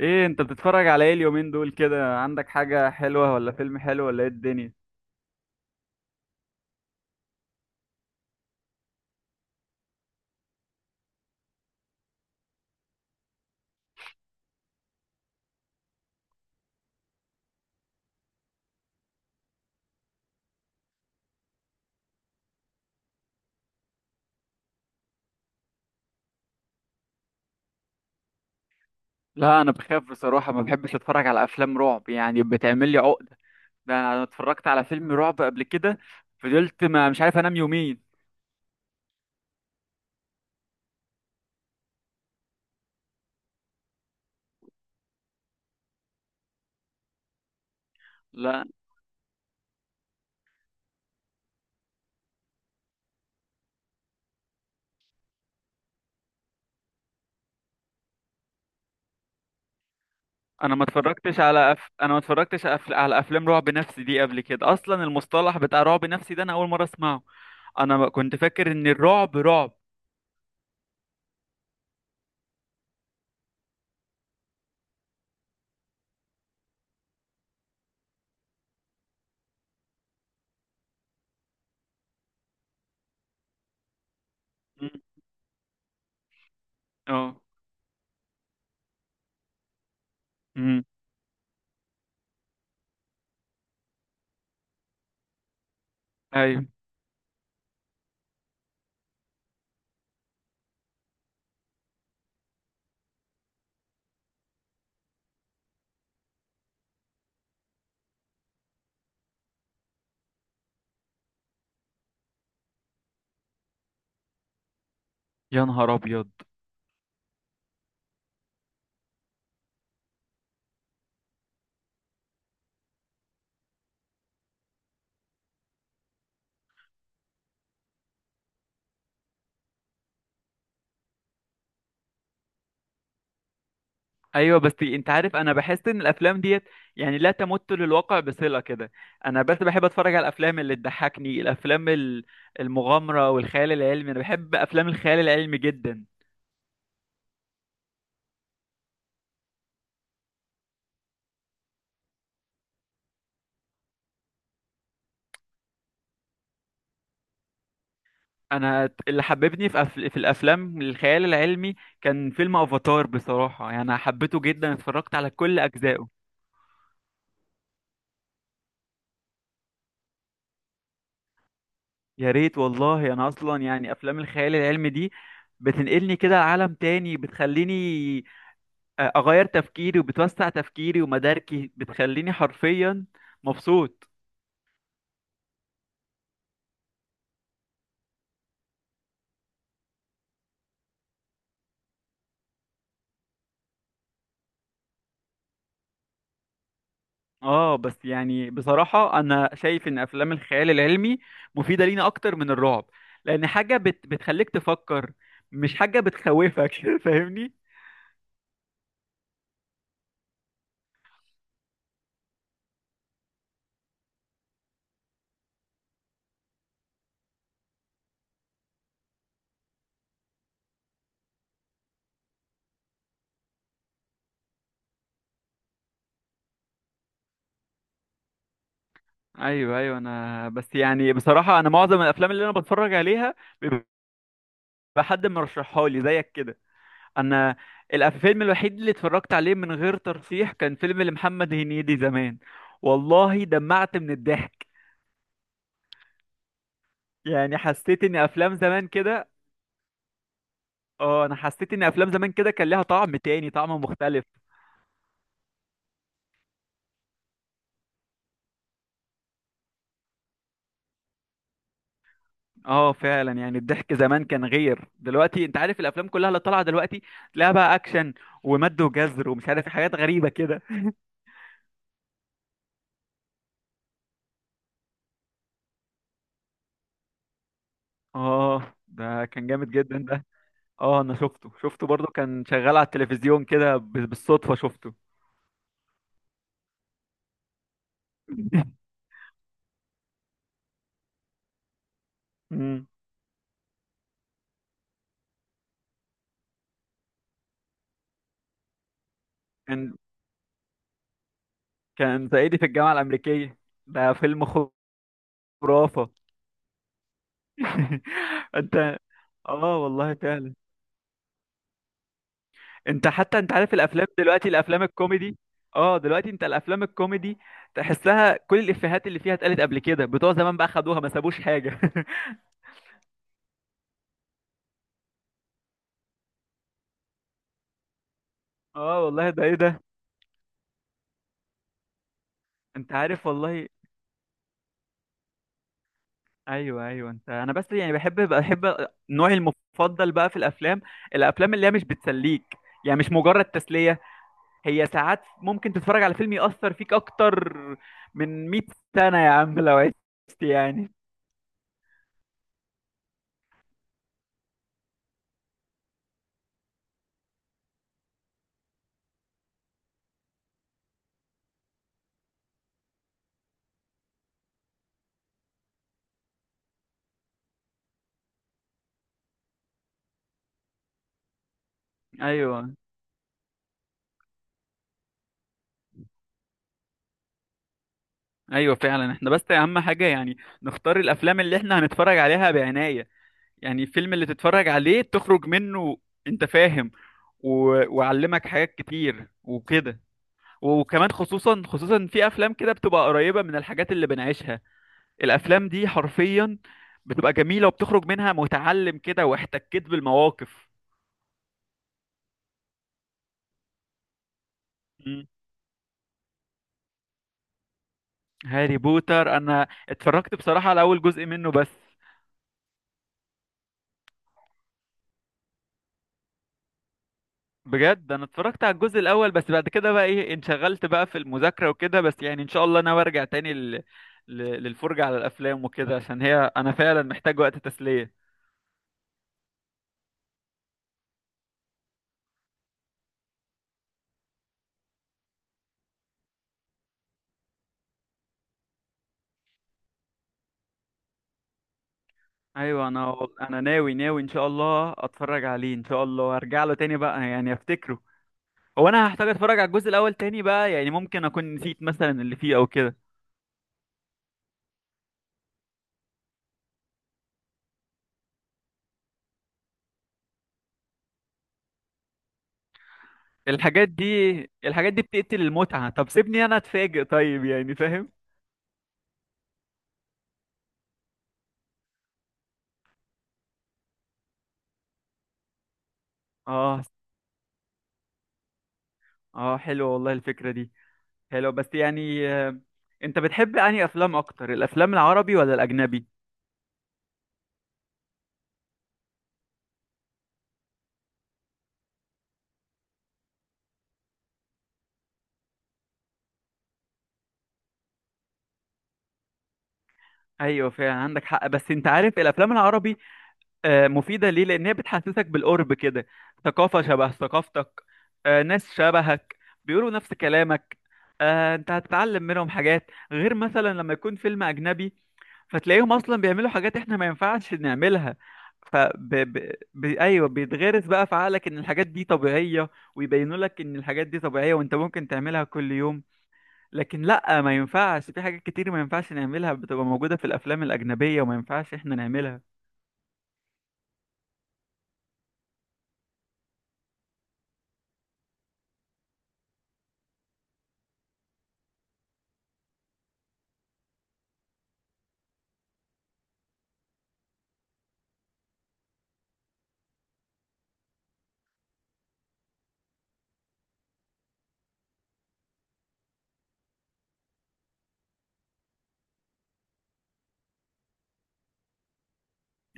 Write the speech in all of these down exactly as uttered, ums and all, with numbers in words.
ايه انت بتتفرج على ايه اليومين دول كده، عندك حاجة حلوة ولا فيلم حلو ولا ايه الدنيا؟ لا، انا بخاف بصراحه، ما بحبش اتفرج على افلام رعب، يعني بتعمل لي عقده. ده انا اتفرجت على فيلم رعب قبل كده، فضلت ما مش عارف انام يومين. لا، انا ما اتفرجتش على أف... انا ما اتفرجتش أف... على افلام رعب نفسي دي قبل كده، اصلا المصطلح بتاع رعب نفسي ده انا اول مره اسمعه. انا ما كنت فاكر ان الرعب رعب. مم. اه. امم ايوه، يا نهار ابيض! ايوه، بس انت عارف انا بحس ان الافلام ديت يعني لا تمت للواقع بصله كده. انا بس بحب اتفرج على الافلام اللي تضحكني، الافلام ال- المغامره والخيال العلمي، انا بحب افلام الخيال العلمي جدا. انا اللي حببني في أف... في الافلام الخيال العلمي كان فيلم افاتار، بصراحه يعني انا حبيته جدا، اتفرجت على كل اجزائه. يا ريت والله، انا اصلا يعني افلام الخيال العلمي دي بتنقلني كده لعالم تاني، بتخليني اغير تفكيري، وبتوسع تفكيري ومداركي، بتخليني حرفيا مبسوط. اه، بس يعني بصراحة انا شايف ان افلام الخيال العلمي مفيدة لينا اكتر من الرعب، لان حاجة بت... بتخليك تفكر، مش حاجة بتخوفك. فاهمني؟ ايوه، ايوه، انا بس يعني بصراحة انا معظم الافلام اللي انا بتفرج عليها بيبقى حد مرشحها لي زيك كده. انا الفيلم الوحيد اللي اتفرجت عليه من غير ترشيح كان فيلم لمحمد هنيدي زمان، والله دمعت من الضحك. يعني حسيت ان افلام زمان كده. اه، انا حسيت ان افلام زمان كده كان لها طعم تاني، طعم مختلف. اه، فعلا يعني الضحك زمان كان غير دلوقتي، انت عارف الافلام كلها اللي طالعه دلوقتي تلاقيها بقى اكشن ومد وجزر ومش عارف إيه، حاجات غريبه كده. اه، ده كان جامد جدا ده. اه، انا شفته شفته برضو، كان شغال على التلفزيون كده ب- بالصدفه شفته. مم. كان كان صعيدي في الجامعه الامريكيه، ده فيلم خرافه. انت، اه والله فعلا. انت حتى انت عارف الافلام دلوقتي، الافلام الكوميدي، اه، دلوقتي انت الافلام الكوميدي تحسها كل الافيهات اللي فيها اتقالت قبل كده، بتوع زمان بقى خدوها، ما سابوش حاجه. اه والله، ده ايه ده، انت عارف والله. ايوه، ايوه، انت، انا بس يعني بحب بحب نوعي المفضل بقى في الافلام، الافلام اللي هي مش بتسليك، يعني مش مجرد تسليه. هي ساعات ممكن تتفرج على فيلم يأثر فيك اكتر من مئة سنه يا عم لو عشت، يعني. ايوه، ايوه، فعلا، احنا بس اهم حاجه يعني نختار الافلام اللي احنا هنتفرج عليها بعنايه. يعني الفيلم اللي تتفرج عليه تخرج منه، انت فاهم، و... وعلمك حاجات كتير وكده، وكمان خصوصا خصوصا في افلام كده بتبقى قريبه من الحاجات اللي بنعيشها، الافلام دي حرفيا بتبقى جميله، وبتخرج منها متعلم كده، واحتكيت بالمواقف. مم. هاري بوتر، انا اتفرجت بصراحه على اول جزء منه بس. بجد، انا اتفرجت على الجزء الاول بس، بعد كده بقى ايه انشغلت بقى في المذاكره وكده، بس يعني ان شاء الله انا برجع تاني ل... ل... للفرجه على الافلام وكده، عشان هي انا فعلا محتاج وقت تسليه. ايوه، انا وال- انا ناوي ناوي ان شاء الله اتفرج عليه، ان شاء الله ارجع له تاني بقى، يعني افتكره. هو انا هحتاج اتفرج على الجزء الاول تاني بقى، يعني ممكن اكون نسيت مثلا اللي فيه او كده. الحاجات دي الحاجات دي بتقتل المتعه، طب سيبني انا اتفاجئ طيب، يعني فاهم. اه، اه، حلوه والله الفكره دي، حلو بس يعني، آه، انت بتحب انهي افلام اكتر، الافلام العربي ولا الاجنبي؟ ايوه، فعلا عندك حق، بس انت عارف الافلام العربي آه، مفيده ليه، لان هي بتحسسك بالقرب كده، ثقافه شبه ثقافتك، آه، ناس شبهك بيقولوا نفس كلامك، آه، انت هتتعلم منهم حاجات غير مثلا لما يكون فيلم اجنبي، فتلاقيهم اصلا بيعملوا حاجات احنا ما ينفعش نعملها، ف ب... ب... ب... ايوه، بيتغرس بقى في عقلك ان الحاجات دي طبيعيه، ويبينوا لك ان الحاجات دي طبيعيه وانت ممكن تعملها كل يوم، لكن لا، ما ينفعش، في حاجات كتير ما ينفعش نعملها، بتبقى موجوده في الافلام الاجنبيه وما ينفعش احنا نعملها.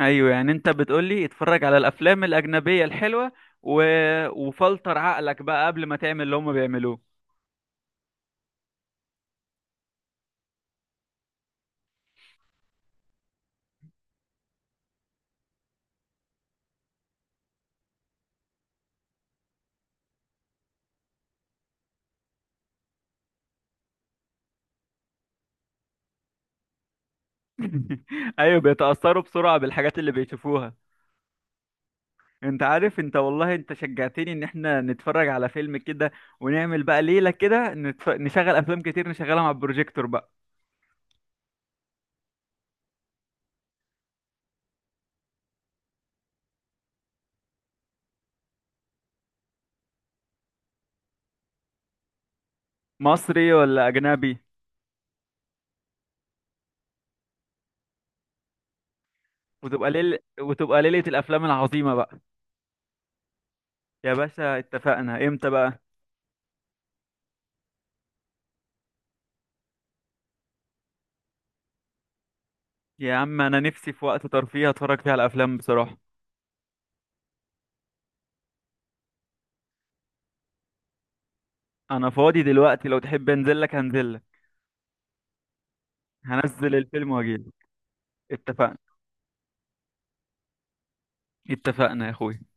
ايوه، يعني انت بتقولي اتفرج على الافلام الاجنبيه الحلوه، و... وفلتر عقلك بقى قبل ما تعمل اللي هم بيعملوه. ايوه، بيتاثروا بسرعه بالحاجات اللي بيشوفوها. انت عارف، انت والله، انت شجعتني ان احنا نتفرج على فيلم كده، ونعمل بقى ليلة كده، نتف... نشغل افلام كتير، نشغلها مع البروجيكتور بقى. مصري ولا اجنبي؟ وتبقى ليل... وتبقى ليلة الافلام العظيمة بقى. يا باشا اتفقنا امتى بقى؟ يا عم انا نفسي في وقت ترفيه اتفرج فيه على افلام، بصراحة. انا فاضي دلوقتي، لو تحب انزل لك، هنزل لك. هنزل الفيلم واجيلك. اتفقنا. اتفقنا يا اخوي.